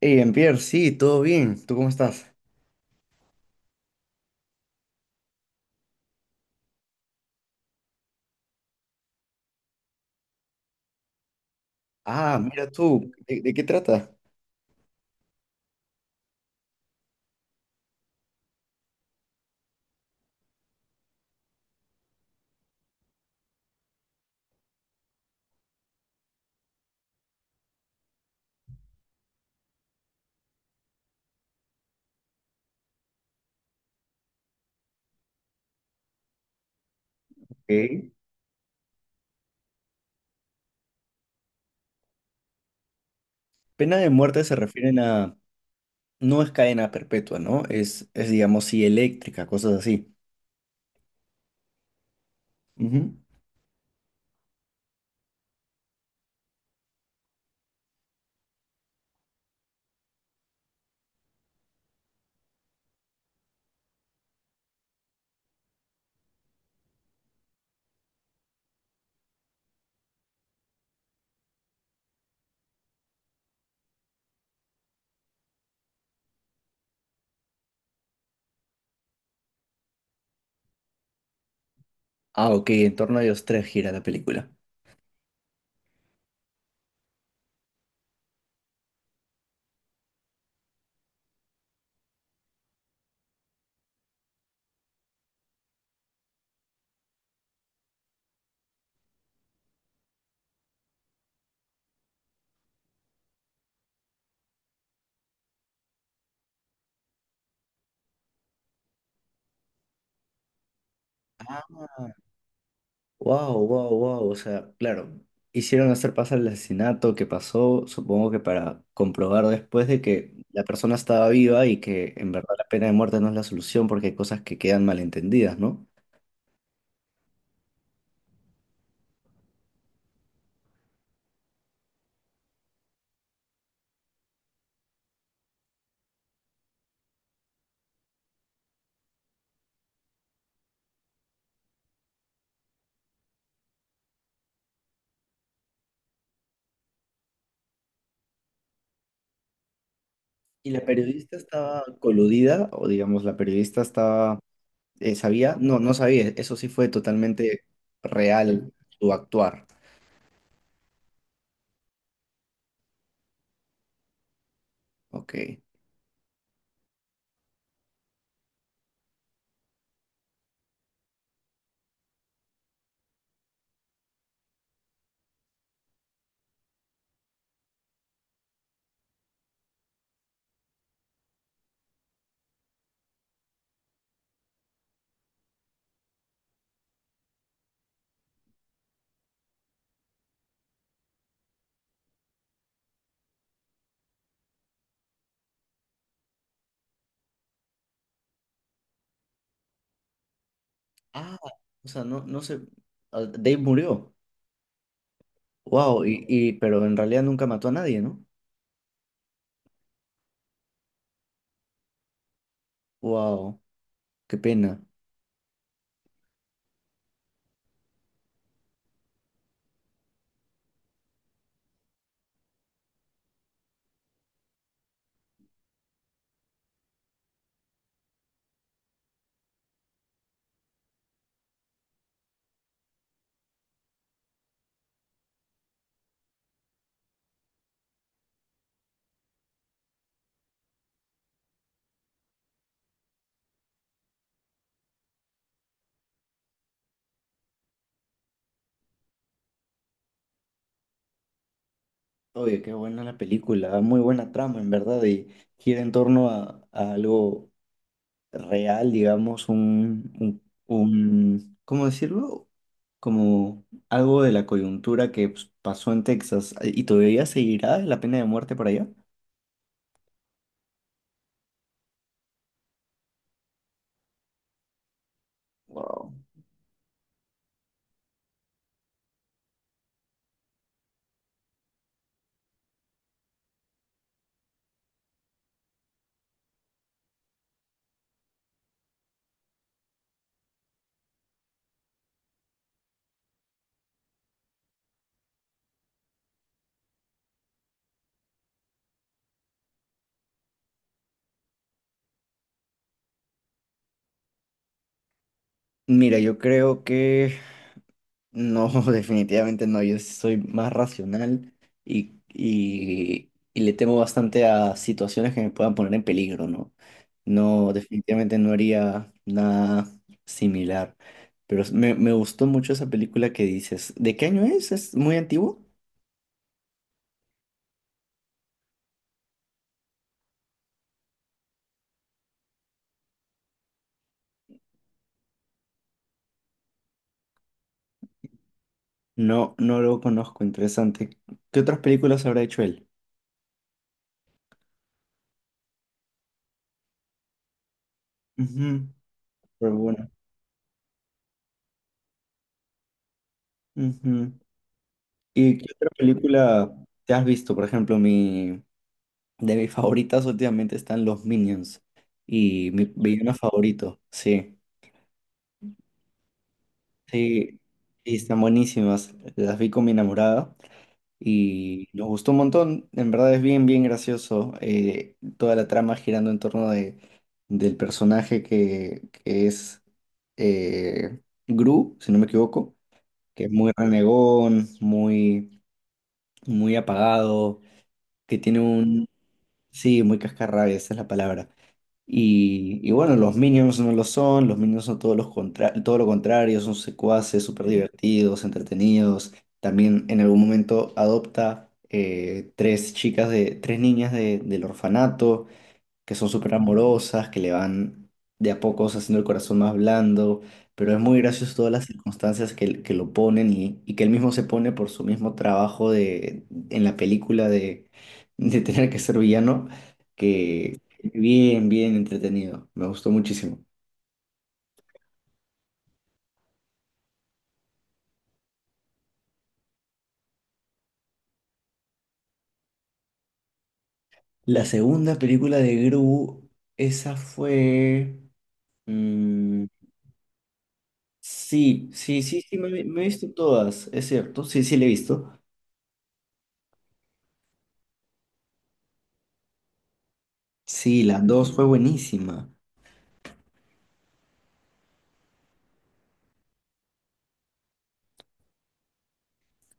Hey, Jean-Pierre, sí, todo bien. ¿Tú cómo estás? Ah, mira tú, ¿de qué trata? Ok. Pena de muerte se refieren a, no es cadena perpetua, ¿no? Es, digamos, sí, eléctrica, cosas así. Ujú. Ah, ok, en torno a ellos tres gira la película. Wow, wow, wow, o sea, claro, hicieron hacer pasar el asesinato que pasó, supongo que para comprobar después de que la persona estaba viva y que en verdad la pena de muerte no es la solución porque hay cosas que quedan malentendidas, ¿no? ¿Y la periodista estaba coludida o digamos la periodista estaba, sabía? No, no sabía, eso sí fue totalmente real su actuar. Ok. Ah, o sea, no sé, ah, Dave murió. Wow, pero en realidad nunca mató a nadie, ¿no? Wow, qué pena. Oye, qué buena la película, muy buena trama en verdad y gira en torno a algo real, digamos, ¿cómo decirlo? Como algo de la coyuntura que pues, pasó en Texas. ¿Y todavía seguirá la pena de muerte por allá? Wow. Mira, yo creo que no, definitivamente no. Yo sí soy más racional y le temo bastante a situaciones que me puedan poner en peligro, ¿no? No, definitivamente no haría nada similar. Pero me gustó mucho esa película que dices. ¿De qué año es? ¿Es muy antiguo? No, no lo conozco. Interesante. ¿Qué otras películas habrá hecho él? Ujú, pero bueno. Ujú. ¿Y qué otra película te has visto? Por ejemplo, mi... De mis favoritas últimamente están los Minions. Y mi villano favorito, sí. Sí, sí, están buenísimas. Las vi con mi enamorada y nos gustó un montón. En verdad es bien, bien gracioso. Toda la trama girando en torno de, del personaje que es Gru, si no me equivoco, que es muy renegón, muy, muy apagado, que tiene un... Sí, muy cascarrabias, esa es la palabra. Y bueno, los Minions no lo son, los Minions son todos todo lo contrario, son secuaces, súper divertidos, entretenidos. También en algún momento adopta tres tres niñas del orfanato que son súper amorosas, que le van de a pocos haciendo el corazón más blando, pero es muy gracioso todas las circunstancias que lo ponen y que él mismo se pone por su mismo trabajo en la película de tener que ser villano, que bien, bien entretenido, me gustó muchísimo. La segunda película de Gru, esa fue... mm, sí, sí, sí, sí, me he visto todas, es cierto, sí, sí, la he visto. Sí, la dos fue buenísima.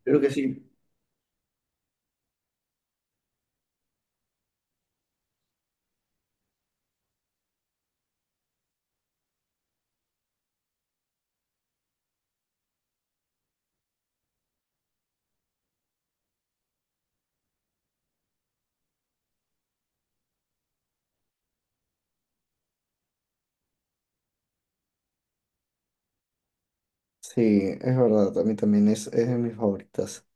Creo que sí. Sí, es verdad, a mí también es de mis favoritas.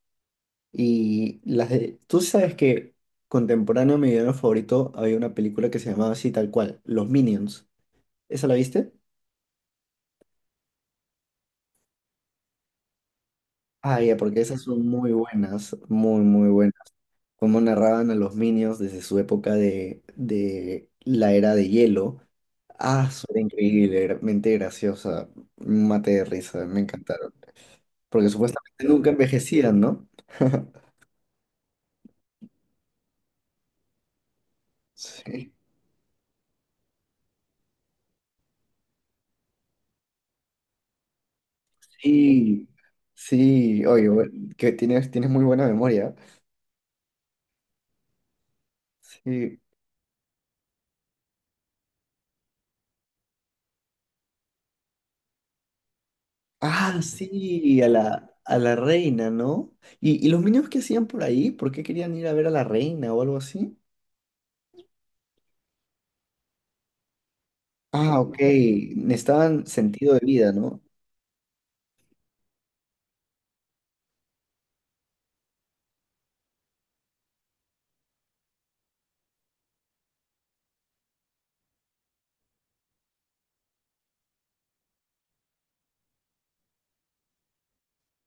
Y las de, tú sabes que contemporáneo a mi villano favorito había una película que se llamaba así tal cual, Los Minions. ¿Esa la viste? Ah, ya, porque esas son muy buenas, muy, muy buenas. Cómo narraban a los Minions desde su época de la era de hielo. Ah, era increíble, mente graciosa, un mate de risa, me encantaron. Porque supuestamente nunca envejecían, ¿no? Sí. Sí, sí, oye, que tienes, tienes muy buena memoria. Sí. Ah, sí, a la reina, ¿no? ¿Y los niños qué hacían por ahí? ¿Por qué querían ir a ver a la reina o algo así? Ah, ok, necesitaban sentido de vida, ¿no?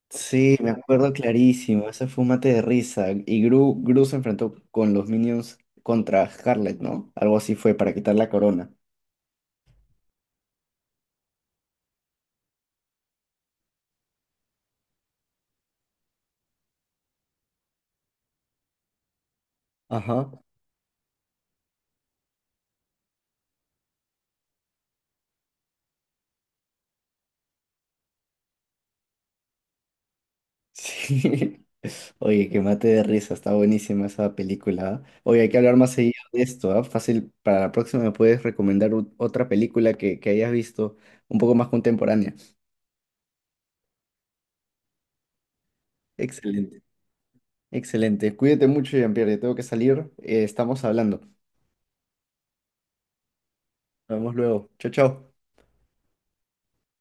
Sí, me acuerdo clarísimo, ese fue un mate de risa. Y Gru se enfrentó con los Minions contra Scarlet, ¿no? Algo así fue para quitar la corona. Ajá. Sí. Oye, que mate de risa, está buenísima esa película. ¿Ah? Oye, hay que hablar más seguido de esto, ¿ah? Fácil, para la próxima me puedes recomendar otra película que hayas visto un poco más contemporánea. Excelente, excelente. Cuídate mucho, Jean-Pierre, tengo que salir, estamos hablando. Nos vemos luego. Chao, chao.